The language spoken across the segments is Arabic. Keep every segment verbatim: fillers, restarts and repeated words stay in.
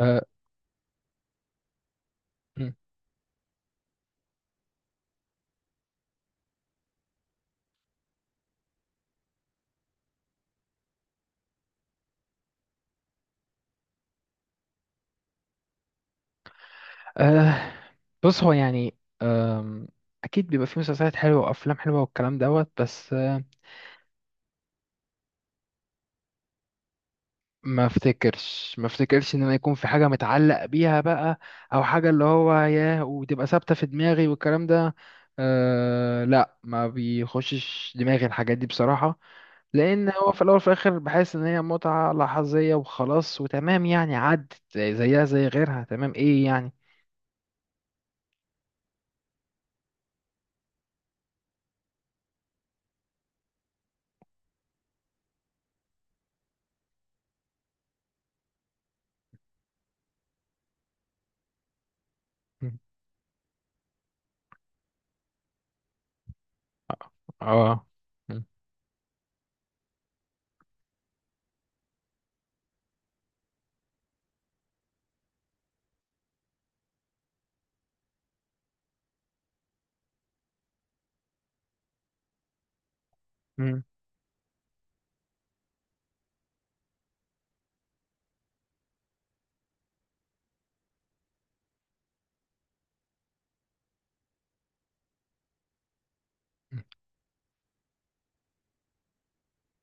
أه أه بص هو يعني أم، اكيد بيبقى في مسلسلات حلوه وافلام حلوه والكلام دوت بس أه، ما افتكرش ما افتكرش ان انا يكون في حاجه متعلق بيها بقى او حاجه اللي هو ياه وتبقى ثابته في دماغي والكلام ده. أه لا، ما بيخشش دماغي الحاجات دي بصراحه، لان هو في الاول وفي الاخر بحس ان هي متعه لحظيه وخلاص وتمام، يعني عدت زيها زي غيرها. تمام، ايه يعني. اه.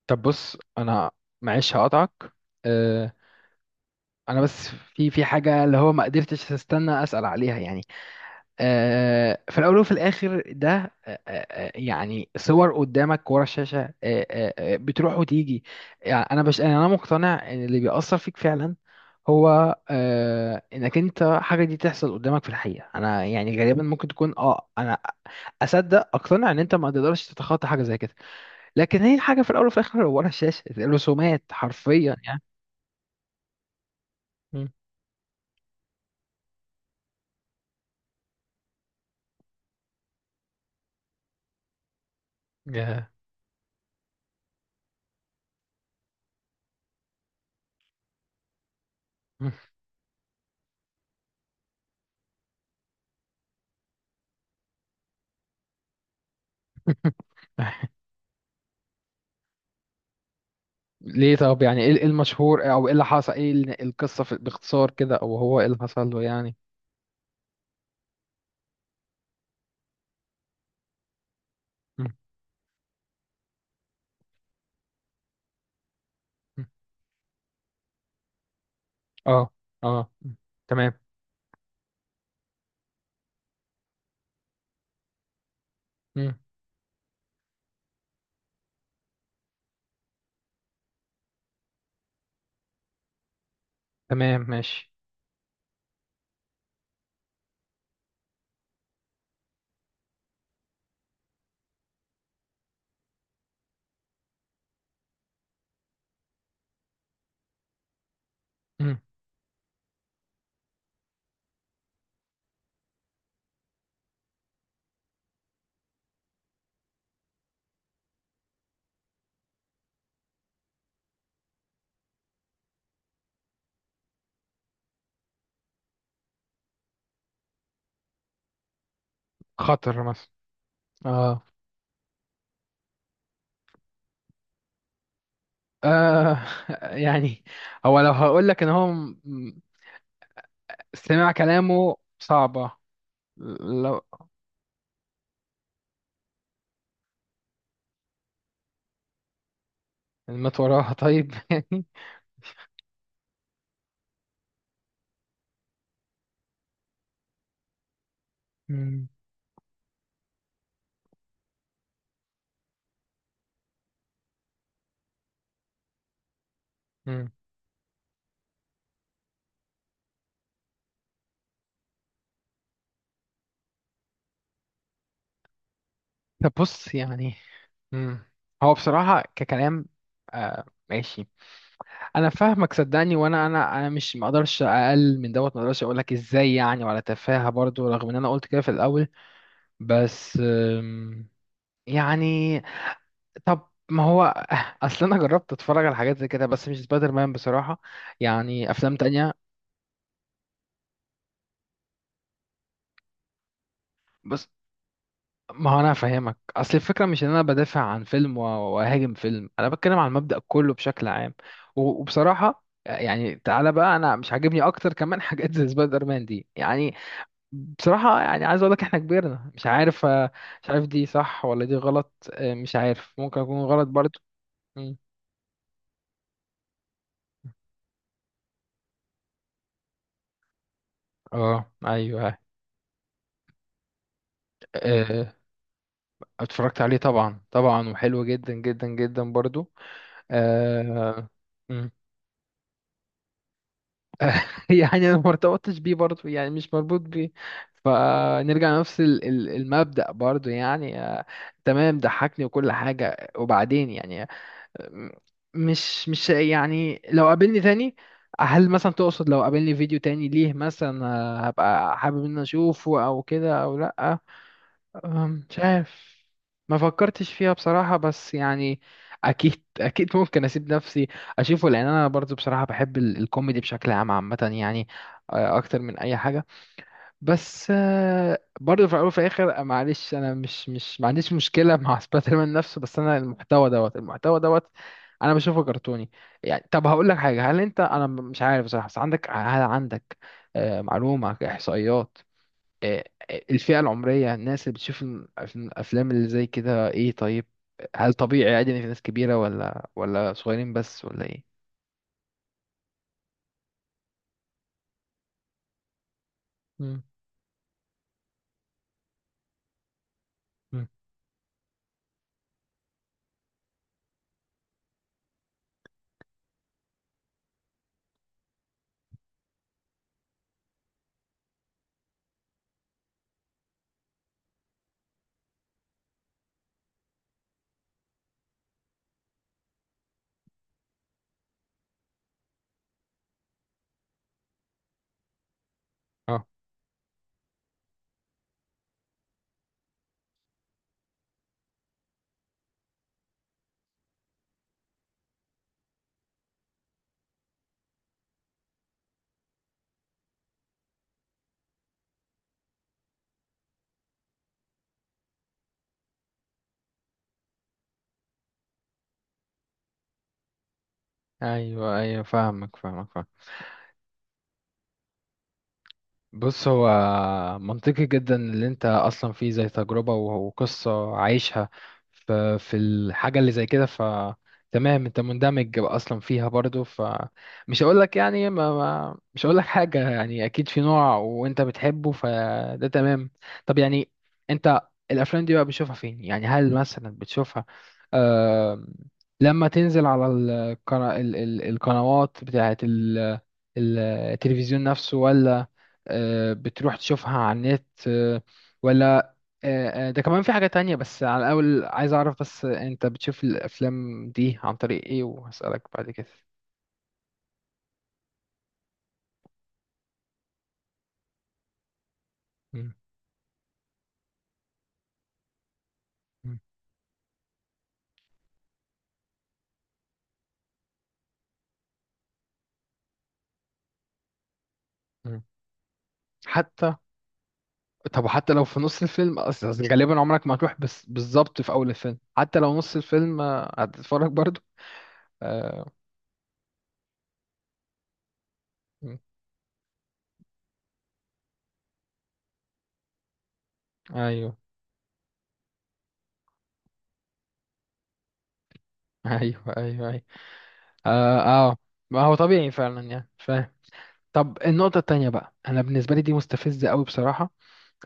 طب بص انا، معلش هقطعك. أه، انا بس في في حاجه اللي هو ما قدرتش استنى اسال عليها يعني. أه في الاول وفي الاخر ده أه أه آه، يعني صور قدامك ورا الشاشه أه أه آه، بتروح وتيجي. يعني انا بش يعني انا مقتنع ان اللي بيأثر فيك فعلا هو أه انك انت حاجه دي تحصل قدامك في الحقيقه. انا يعني غالبا ممكن تكون اه انا اصدق اقتنع ان انت ما تقدرش تتخطى حاجه زي كده، لكن هي الحاجه في الاول وفي الاخر ورا الشاشه رسومات حرفيا يعني. مم. يا. ليه؟ طب يعني ايه، إيه المشهور او ايه اللي حصل، ايه ال- القصه في باختصار كده، او هو ايه اللي حصل له يعني. مم. مم. اه، اه. مم. تمام. مم. تمام ماشي. مم. خطر مثلا. اه. آه. يعني هو، لو هقول لك ان هو م- م- استماع كلامه صعبة. لو مات وراها، طيب يعني. مم. طب بص يعني. مم. هو بصراحة ككلام، آه ماشي، أنا فاهمك صدقني، وأنا أنا أنا مش مقدرش أقل من دوت، مقدرش أقولك إزاي يعني، ولا تفاهة برضو رغم إن أنا قلت كده في الأول. بس آم، يعني، طب ما هو آه، أصل أنا جربت أتفرج على حاجات زي كده بس مش سبايدر مان بصراحة، يعني أفلام تانية. بس ما هو انا فاهمك، اصل الفكره مش ان انا بدافع عن فيلم و- واهاجم فيلم، انا بتكلم عن المبدأ كله بشكل عام. و- وبصراحه يعني، تعالى بقى، انا مش عاجبني اكتر كمان حاجات زي سبايدر مان دي يعني. بصراحه يعني عايز اقول لك احنا كبرنا، مش عارف آه، مش عارف دي صح ولا دي غلط، آه، مش عارف، ممكن اكون غلط برضو. مم. اه، ايوه. آه، اتفرجت عليه طبعا طبعا، وحلو جدا جدا جدا برضو. آه، يعني انا ما ارتبطتش بيه برضه، يعني مش مربوط بيه، فنرجع لنفس ال- ال- المبدأ برضه يعني. آه، تمام، ضحكني وكل حاجة، وبعدين يعني آه، مش مش يعني لو قابلني تاني. هل مثلا تقصد لو قابلني فيديو تاني ليه مثلا آه، هبقى حابب ان أنا اشوفه او كده او لا؟ أم، مش عارف، ما فكرتش فيها بصراحة، بس يعني أكيد، أكيد ممكن أسيب نفسي أشوفه، لأن أنا برضو بصراحة بحب ال- الكوميدي بشكل عام عامة يعني، آه، أكتر من أي حاجة. بس آه، برضو في الأول وفي الآخر آه، معلش، أنا مش مش ما عنديش مشكلة مع سبايدر مان نفسه، بس أنا المحتوى دوت المحتوى دوت، أنا بشوفه كرتوني. يعني طب هقول لك حاجة، هل أنت، أنا مش عارف بصراحة، بس عندك، هل عندك آه، معلومة، إحصائيات آه، آه، الفئة العمرية الناس اللي بتشوف ال- الأف- الأفلام اللي زي كده إيه؟ طيب، هل طبيعي عادي إن في ناس كبيرة ولا ولا صغيرين بس ولا إيه؟ مم. مم. اه، ايوه، ايوه، فاهمك فاهمك فاهمك. بص هو منطقي جدا اللي انت اصلا فيه زي تجربة و- وقصة عايشها، ف- في الحاجة اللي زي كده، ف تمام انت مندمج اصلا فيها برضو، فمش هقول لك يعني ما ما مش هقول لك حاجة، يعني اكيد في نوع وانت بتحبه فده تمام. طب يعني انت الافلام دي بقى بتشوفها فين يعني؟ هل مثلا بتشوفها آه لما تنزل على القنا- ال- ال- القنوات بتاعت ال- التلفزيون نفسه، ولا آه، بتروح تشوفها على النت آه، ولا آه، آه، ده كمان في حاجة تانية، بس على الأول عايز أعرف بس أنت بتشوف الأفلام دي عن طريق إيه، وهسألك بعد كده. مم، مم، مم. حتى، طب حتى لو في نص الفيلم، أصل أصل غالبا عمرك ما هتروح بس بالظبط في أول الفيلم، حتى لو نص الفيلم آه، هتتفرج برضو. آه، مم. أيوه أيوه أيوه أيوه، آه آه، ما هو طبيعي فعلا يعني، فاهم. طب النقطة التانية بقى، أنا بالنسبة لي دي مستفزة أوي بصراحة،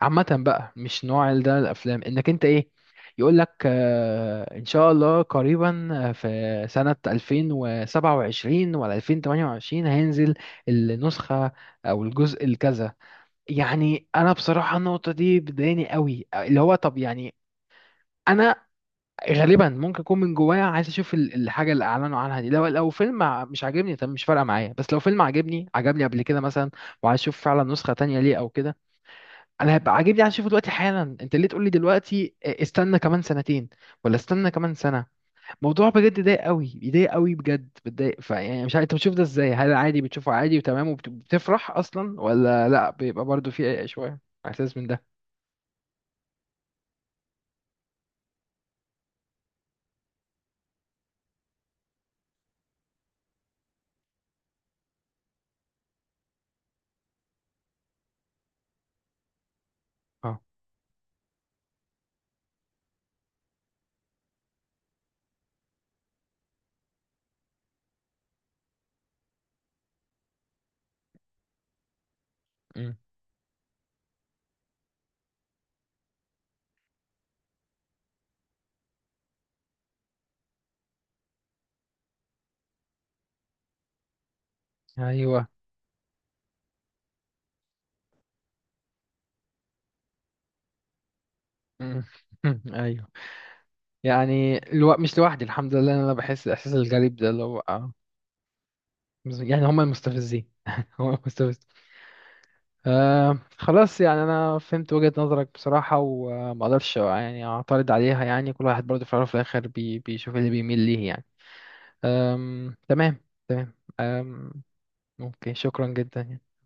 عامة بقى مش نوع ال- ده الأفلام، إنك أنت إيه، يقول لك آه إن شاء الله قريبا آه، في سنة ألفين وسبعة وعشرين ولا ألفين وتمنية وعشرين هينزل النسخة أو الجزء الكذا. يعني أنا بصراحة النقطة دي بتضايقني قوي، اللي هو طب يعني أنا غالبا ممكن أكون من جوايا عايز أشوف ال- الحاجة اللي أعلنوا عنها دي، لو لو فيلم ع- مش عاجبني طب مش فارقة معايا، بس لو فيلم عاجبني عجبني قبل كده مثلا وعايز أشوف فعلا نسخة تانية ليه أو كده، انا هبقى عاجبني عشان اشوفه دلوقتي حالا، انت ليه تقول لي دلوقتي آه، استنى كمان سنتين ولا استنى كمان سنه؟ موضوع بجد ضايق قوي، بيضايق قوي بجد، بتضايق، فيعني مش عارف انت بتشوف ده ازاي، هل عادي بتشوفه عادي وتمام وبتفرح اصلا، ولا لا بيبقى برضو في شويه احساس من ده. اه. أمم. ايوه. أمم. ايوه. يعني الو... مش لوحدي، الحمد لله إن انا بحس الاحساس الغريب ده اللي هو آه. يعني هم المستفزين، هم المستفزين. آه خلاص، يعني انا فهمت وجهة نظرك بصراحة، وما اقدرش يعني اعترض عليها، يعني كل واحد برضه في الاول وفي الاخر بي بيشوف اللي بيميل ليه يعني. آم تمام. تمام. آم. ممكن، شكرا جدا يعني.